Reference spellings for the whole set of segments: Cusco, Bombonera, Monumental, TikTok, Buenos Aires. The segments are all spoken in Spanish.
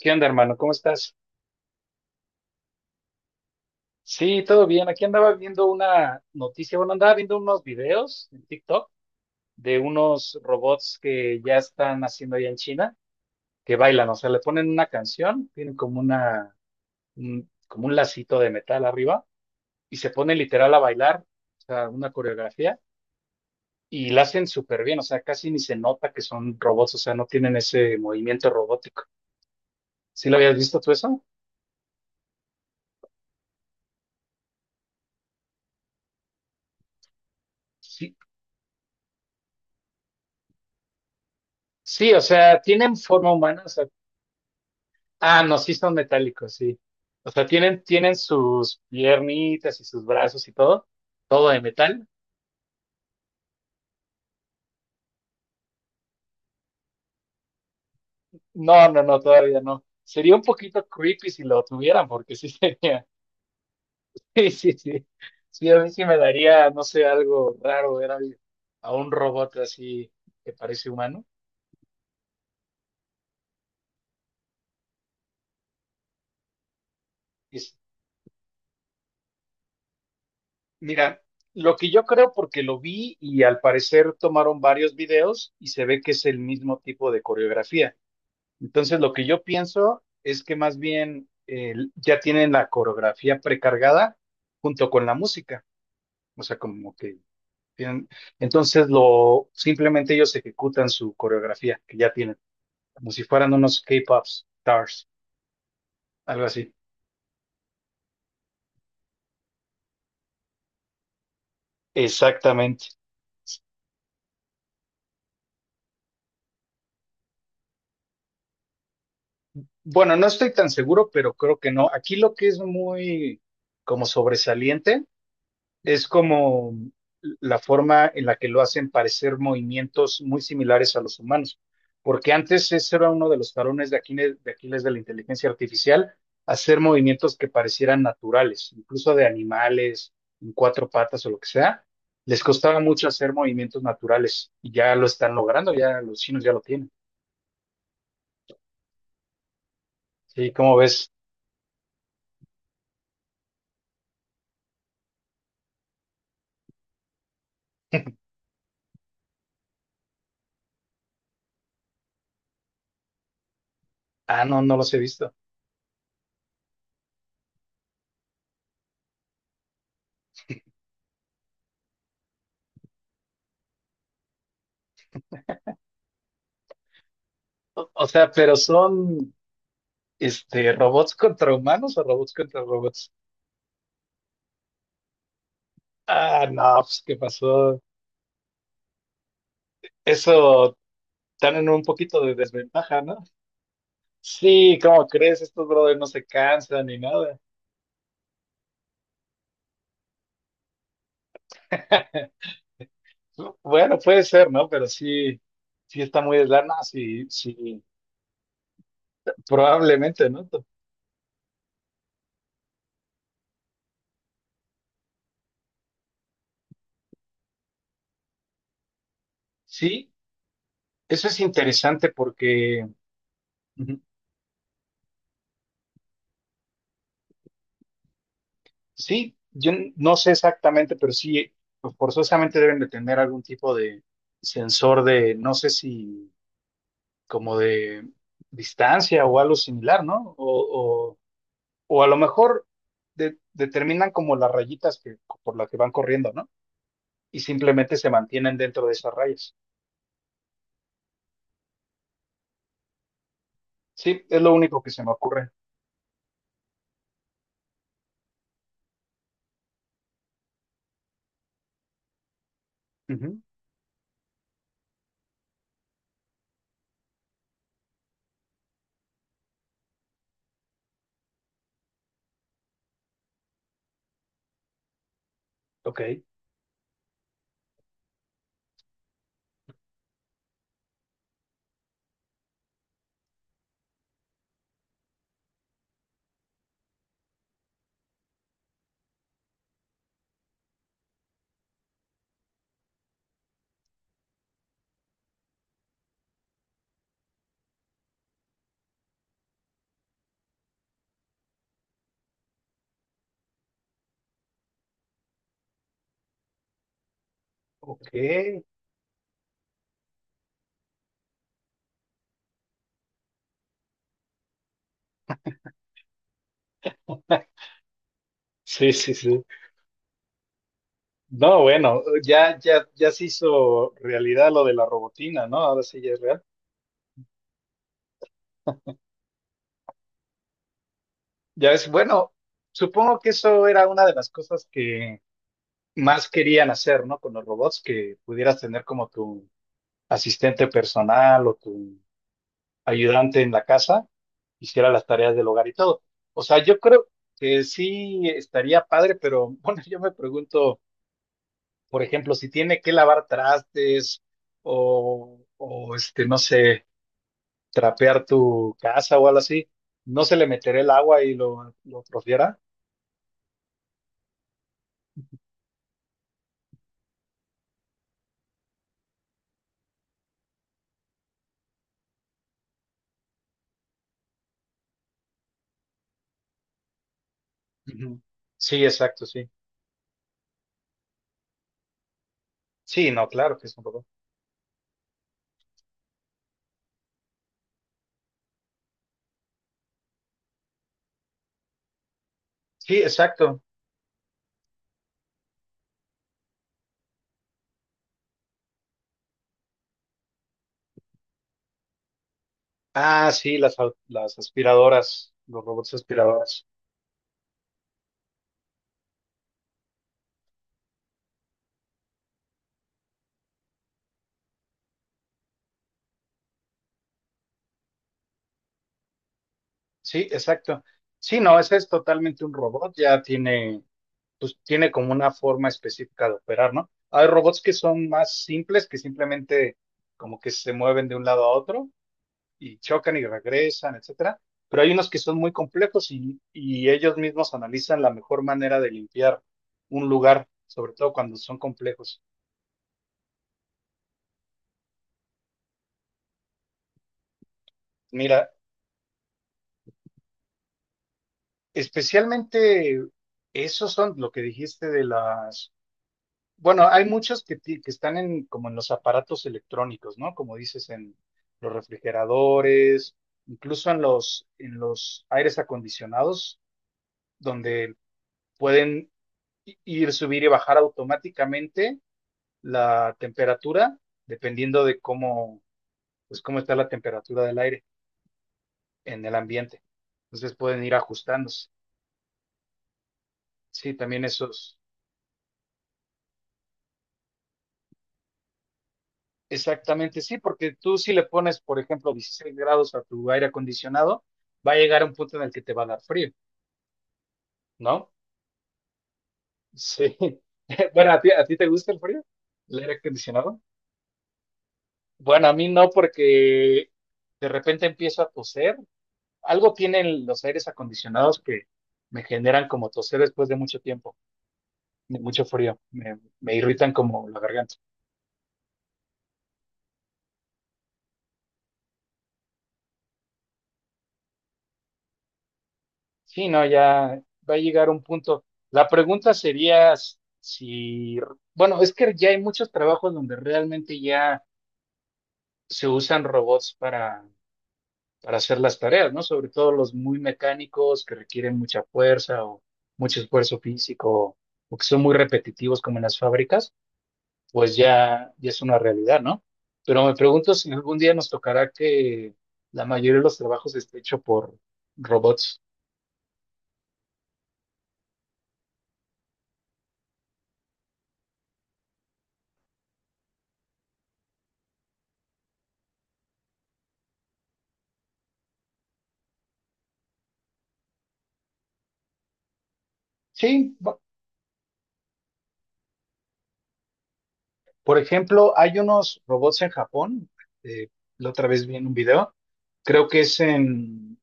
¿Qué onda, hermano? ¿Cómo estás? Sí, todo bien. Aquí andaba viendo una noticia, bueno, andaba viendo unos videos en TikTok de unos robots que ya están haciendo allá en China, que bailan, o sea, le ponen una canción, tienen como una, como un lacito de metal arriba y se ponen literal a bailar, o sea, una coreografía y la hacen súper bien, o sea, casi ni se nota que son robots, o sea, no tienen ese movimiento robótico. ¿Sí lo habías visto tú eso? Sí, sí, o sea, tienen forma humana. Ah, no, sí son metálicos, sí. O sea, tienen sus piernitas y sus brazos y todo, todo de metal. No, no, no, todavía no. Sería un poquito creepy si lo tuvieran, porque sí sería. Sí, sí, sí. Sí, a mí sí me daría, no sé, algo raro ver a un robot así que parece humano. Es- mira, lo que yo creo, porque lo vi y al parecer tomaron varios videos y se ve que es el mismo tipo de coreografía. Entonces, lo que yo pienso es que más bien ya tienen la coreografía precargada junto con la música. O sea, como que tienen. Entonces, lo simplemente ellos ejecutan su coreografía que ya tienen, como si fueran unos K-pop stars, algo así. Exactamente. Bueno, no estoy tan seguro, pero creo que no. Aquí lo que es muy como sobresaliente es como la forma en la que lo hacen parecer movimientos muy similares a los humanos, porque antes ese era uno de los tarones de Aquiles, de Aquiles de la inteligencia artificial, hacer movimientos que parecieran naturales, incluso de animales, en cuatro patas o lo que sea, les costaba mucho hacer movimientos naturales y ya lo están logrando, ya los chinos ya lo tienen. Sí, ¿cómo ves? Ah, no, no los he visto. O sea, pero son robots contra humanos o robots contra robots. Ah, no, pues, ¿qué pasó? Eso, están en un poquito de desventaja, ¿no? Sí, ¿cómo crees? Estos brothers no se cansan ni nada. Bueno, puede ser, ¿no? Pero sí, sí está muy deslana, sí, sí, probablemente, ¿no? Sí, eso es interesante porque, ujú, sí, no sé exactamente, pero sí, pues, forzosamente deben de tener algún tipo de sensor de, no sé si como de distancia o algo similar, ¿no? O a lo mejor determinan como las rayitas que, por las que van corriendo, ¿no? Y simplemente se mantienen dentro de esas rayas. Sí, es lo único que se me ocurre. Ujú. Ok, ok. Sí, sí, sí. No, bueno, ya se hizo realidad lo de la robotina, ¿no? Ahora sí ya es real. Ya es, bueno, supongo que eso era una de las cosas que más querían hacer, ¿no? Con los robots, que pudieras tener como tu asistente personal o tu ayudante en la casa hiciera las tareas del hogar y todo. O sea, yo creo que sí estaría padre, pero bueno, yo me pregunto, por ejemplo, si tiene que lavar trastes o este, no sé, trapear tu casa o algo así, ¿no se le meterá el agua y lo atrofiará? Ujú. Sí, exacto, sí. Sí, no, claro que es un robot. Sí, exacto. Ah, sí, las aspiradoras, los robots aspiradoras. Sí, exacto. Sí, no, ese es totalmente un robot, ya tiene, pues tiene como una forma específica de operar, ¿no? Hay robots que son más simples, que simplemente como que se mueven de un lado a otro y chocan y regresan, etcétera. Pero hay unos que son muy complejos y ellos mismos analizan la mejor manera de limpiar un lugar, sobre todo cuando son complejos. Mira, especialmente esos son lo que dijiste de las. Bueno, hay muchas que están en, como en los aparatos electrónicos, ¿no? Como dices, en los refrigeradores, incluso en los aires acondicionados, donde pueden ir, subir y bajar automáticamente la temperatura, dependiendo de cómo, pues, cómo está la temperatura del aire en el ambiente. Entonces pueden ir ajustándose. Sí, también esos. Exactamente, sí, porque tú si le pones, por ejemplo, 16 grados a tu aire acondicionado, va a llegar a un punto en el que te va a dar frío, ¿no? Sí. Bueno, ¿a ti te gusta el frío? ¿El aire acondicionado? Bueno, a mí no, porque de repente empiezo a toser. Algo tienen los aires acondicionados que me generan como toser después de mucho tiempo, de mucho frío. Me irritan como la garganta. Sí, no, ya va a llegar un punto. La pregunta sería si, bueno, es que ya hay muchos trabajos donde realmente ya se usan robots para hacer las tareas, ¿no? Sobre todo los muy mecánicos que requieren mucha fuerza o mucho esfuerzo físico o que son muy repetitivos como en las fábricas, pues ya, ya es una realidad, ¿no? Pero me pregunto si algún día nos tocará que la mayoría de los trabajos esté hecho por robots. Sí. Por ejemplo, hay unos robots en Japón, eh, la otra vez vi en un video, creo que es en,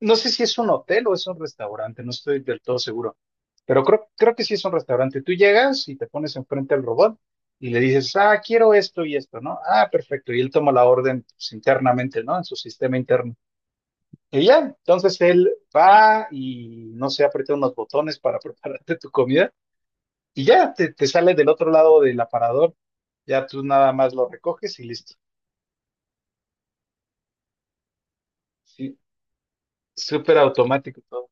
no sé si es un hotel o es un restaurante, no estoy del todo seguro, pero creo, creo que sí es un restaurante. Tú llegas y te pones enfrente al robot y le dices, ah, quiero esto y esto, ¿no? Ah, perfecto, y él toma la orden pues, internamente, ¿no? En su sistema interno. Y ya, entonces él va y no sé, aprieta unos botones para prepararte tu comida y ya te sale del otro lado del aparador, ya tú nada más lo recoges y listo. Sí, súper automático todo.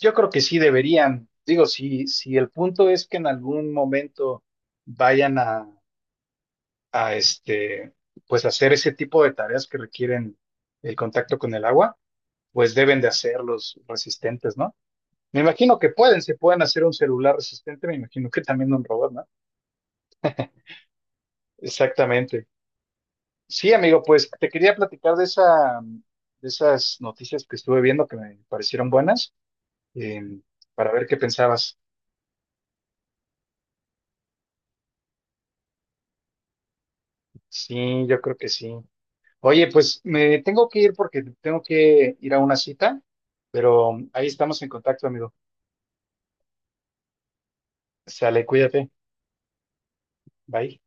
Yo creo que sí deberían, digo, si, si el punto es que en algún momento vayan a este, pues hacer ese tipo de tareas que requieren el contacto con el agua, pues deben de hacerlos resistentes, ¿no? Me imagino que pueden, se pueden hacer un celular resistente, me imagino que también un robot, ¿no? Exactamente. Sí, amigo, pues te quería platicar de esa, de esas noticias que estuve viendo que me parecieron buenas, eh, para ver qué pensabas. Sí, yo creo que sí. Oye, pues me tengo que ir porque tengo que ir a una cita, pero ahí estamos en contacto, amigo. Sale, cuídate. Bye.